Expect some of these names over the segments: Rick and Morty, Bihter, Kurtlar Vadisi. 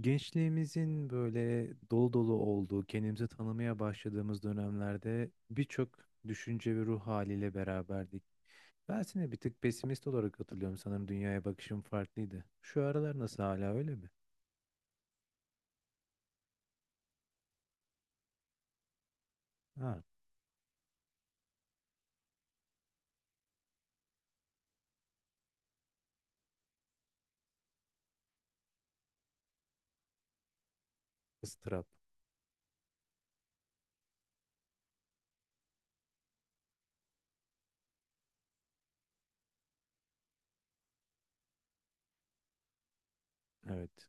Gençliğimizin böyle dolu dolu olduğu, kendimizi tanımaya başladığımız dönemlerde birçok düşünce ve ruh haliyle beraberdik. Ben seni bir tık pesimist olarak hatırlıyorum. Sanırım dünyaya bakışım farklıydı. Şu aralar nasıl hala öyle mi? Ha, ıstırap. Evet.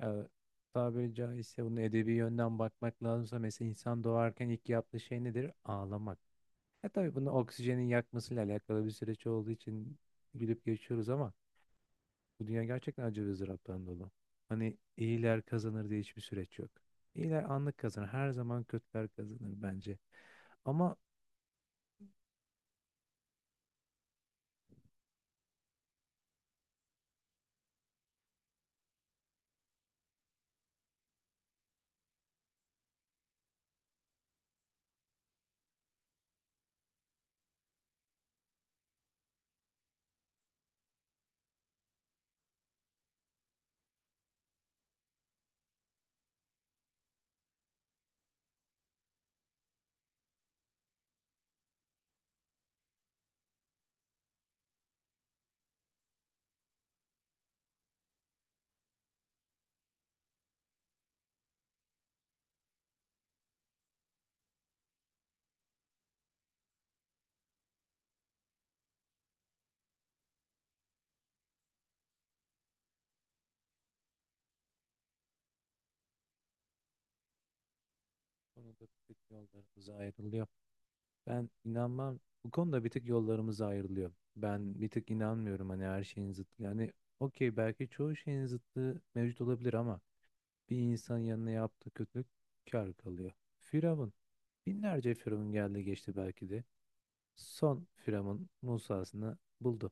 Ya, tabiri caizse bunu edebi yönden bakmak lazımsa mesela insan doğarken ilk yaptığı şey nedir? Ağlamak. Ya tabii bunu oksijenin yakmasıyla alakalı bir süreç olduğu için gülüp geçiyoruz ama bu dünya gerçekten acı ve ızdıraptan dolu. Hani iyiler kazanır diye hiçbir süreç yok. İyiler anlık kazanır. Her zaman kötüler kazanır bence. Ama bu konuda bir tık yollarımız ayrılıyor. Ben inanmam. Bu konuda bir tık yollarımız ayrılıyor. Ben bir tık inanmıyorum hani her şeyin zıttı. Yani okey belki çoğu şeyin zıttı mevcut olabilir ama bir insan yanına yaptığı kötülük kâr kalıyor. Firavun. Binlerce Firavun geldi geçti belki de. Son Firavun Musa'sını buldu.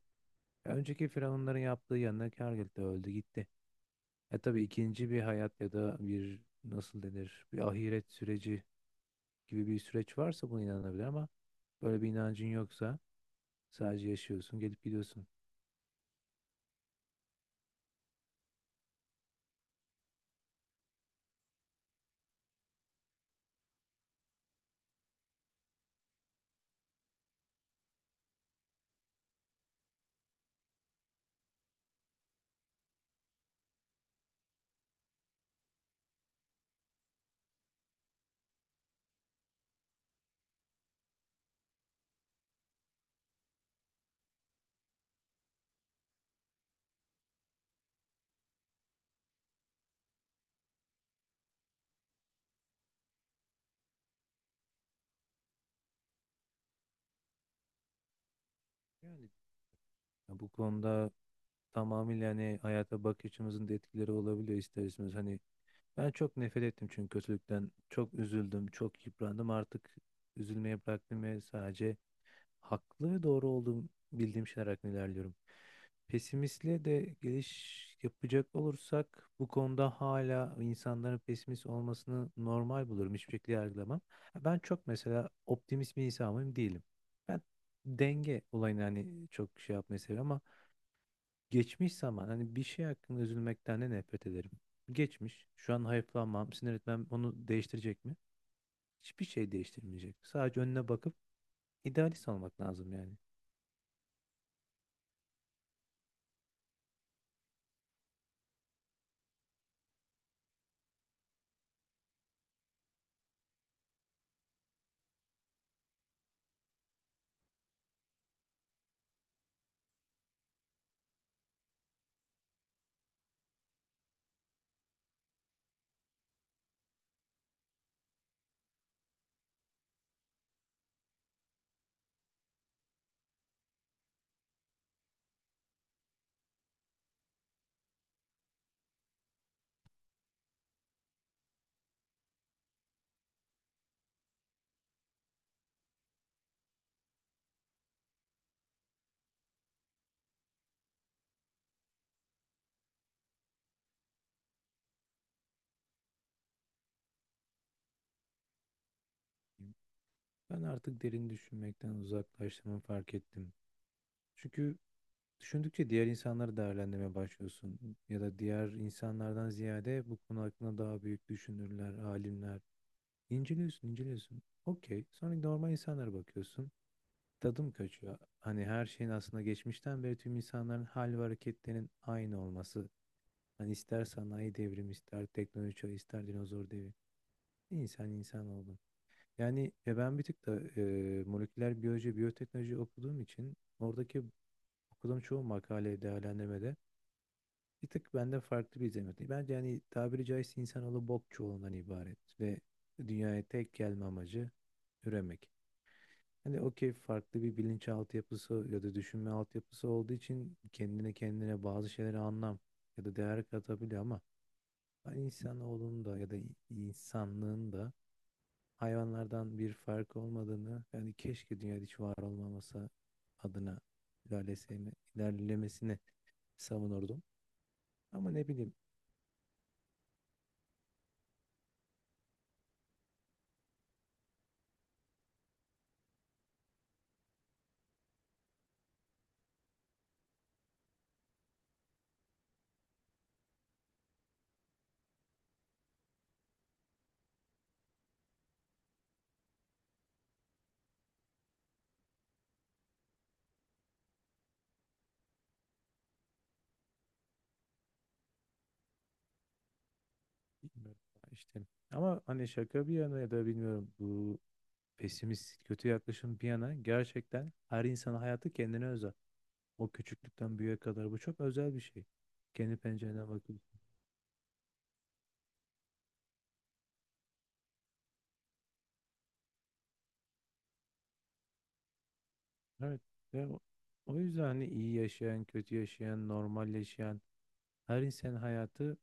Ya önceki firavunların yaptığı yanına kâr geldi, öldü gitti. E tabii ikinci bir hayat ya da bir nasıl denir bir ahiret süreci gibi bir süreç varsa buna inanabilir ama böyle bir inancın yoksa sadece yaşıyorsun gelip gidiyorsun. Yani ya bu konuda tamamıyla hani hayata bakış açımızın da etkileri olabiliyor ister istemez. Hani ben çok nefret ettim çünkü kötülükten çok üzüldüm, çok yıprandım artık üzülmeye bıraktım ve sadece haklı ve doğru olduğum bildiğim şeyler hakkında ilerliyorum. Pesimistle de geliş yapacak olursak bu konuda hala insanların pesimist olmasını normal bulurum. Hiçbir şekilde yargılamam. Ben çok mesela optimist bir insanım değilim. Ben denge olayını hani çok şey yapmayı seviyorum ama geçmiş zaman hani bir şey hakkında üzülmekten de nefret ederim. Geçmiş. Şu an hayıflanmam, sinir etmem onu değiştirecek mi? Hiçbir şey değiştirmeyecek. Sadece önüne bakıp idealist olmak lazım yani. Ben artık derin düşünmekten uzaklaştığımı fark ettim. Çünkü düşündükçe diğer insanları değerlendirmeye başlıyorsun. Ya da diğer insanlardan ziyade bu konu hakkında daha büyük düşünürler, alimler. İnceliyorsun, inceliyorsun. Okey. Sonra normal insanlara bakıyorsun. Tadım kaçıyor. Hani her şeyin aslında geçmişten beri tüm insanların hal ve hareketlerinin aynı olması. Hani ister sanayi devrimi, ister teknoloji, çağı, ister dinozor devri, İnsan insan oldu. Yani ben bir tık da moleküler biyoloji, biyoteknoloji okuduğum için oradaki okuduğum çoğu makale değerlendirmede bir tık benden farklı bir izlenim. Bence yani tabiri caizse insanoğlu bok çuvalından ibaret ve dünyaya tek gelme amacı üremek. Hani okey farklı bir bilinç altyapısı ya da düşünme altyapısı olduğu için kendine kendine bazı şeylere anlam ya da değer katabiliyor ama ben insanoğlunun da ya da insanlığın da hayvanlardan bir farkı olmadığını yani keşke dünyada hiç var olmaması adına ilerlemesini savunurdum. Ama ne bileyim bilmiyorum işte. Ama hani şaka bir yana ya da bilmiyorum bu pesimist kötü yaklaşım bir yana gerçekten her insanın hayatı kendine özel. O küçüklükten büyüğe kadar bu çok özel bir şey. Kendi pencereden bakıyorsun. Evet. Ve o o yüzden hani iyi yaşayan, kötü yaşayan, normal yaşayan her insanın hayatı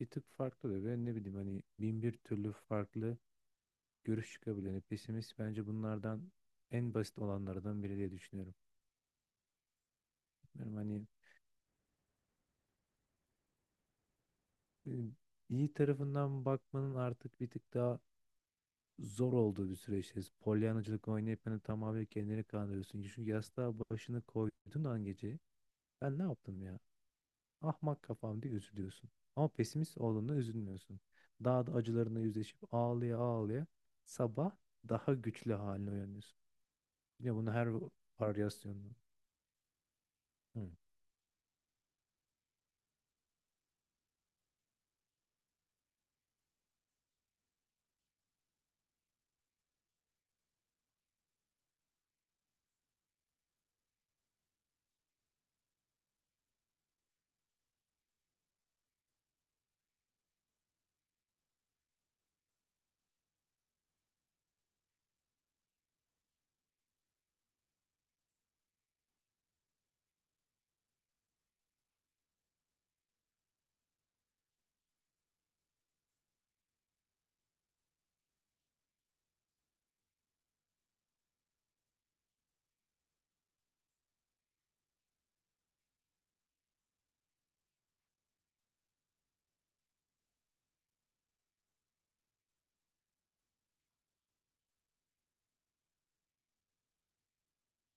bir tık farklı da ben ne bileyim hani bin bir türlü farklı görüş çıkabilir. Yani pesimist bence bunlardan en basit olanlardan biri diye düşünüyorum. Bilmiyorum hani e, iyi tarafından bakmanın artık bir tık daha zor olduğu bir süreçteyiz. Polyanacılık oynayıp hani tamamen kendini kandırıyorsun. Çünkü yastığa başını koyduğun an gece ben ne yaptım ya? Ahmak kafam diye üzülüyorsun. Ama pesimist olduğunda üzülmüyorsun. Daha da acılarına yüzleşip ağlaya ağlaya sabah daha güçlü haline uyanıyorsun. Yine bunu her varyasyonda. Hı.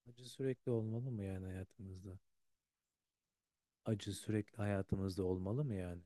Acı sürekli olmalı mı yani hayatımızda? Acı sürekli hayatımızda olmalı mı yani?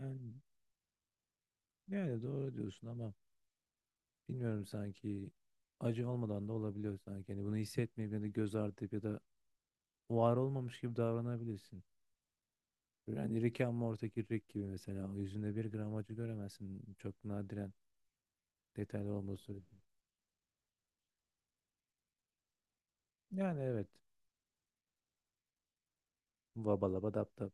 Yani, yani doğru diyorsun ama bilmiyorum sanki acı olmadan da olabiliyor sanki. Yani bunu hissetmeyip ya da göz ardı edip ya da var olmamış gibi davranabilirsin. Yani Rick and Morty'deki Rick gibi mesela o yüzünde bir gram acı göremezsin. Çok nadiren detaylı olması sürece. Yani evet. Vabalaba dap dap.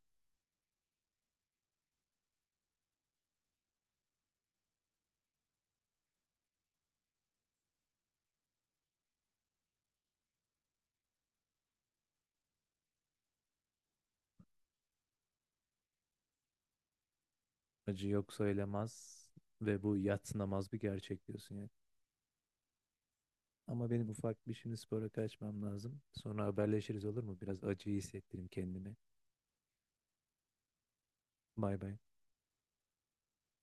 Acı yok söylemez ve bu yadsınamaz bir gerçek diyorsun yani. Ama benim ufak bir şimdi spora kaçmam lazım. Sonra haberleşiriz olur mu? Biraz acıyı hissettireyim kendime. Bay bay.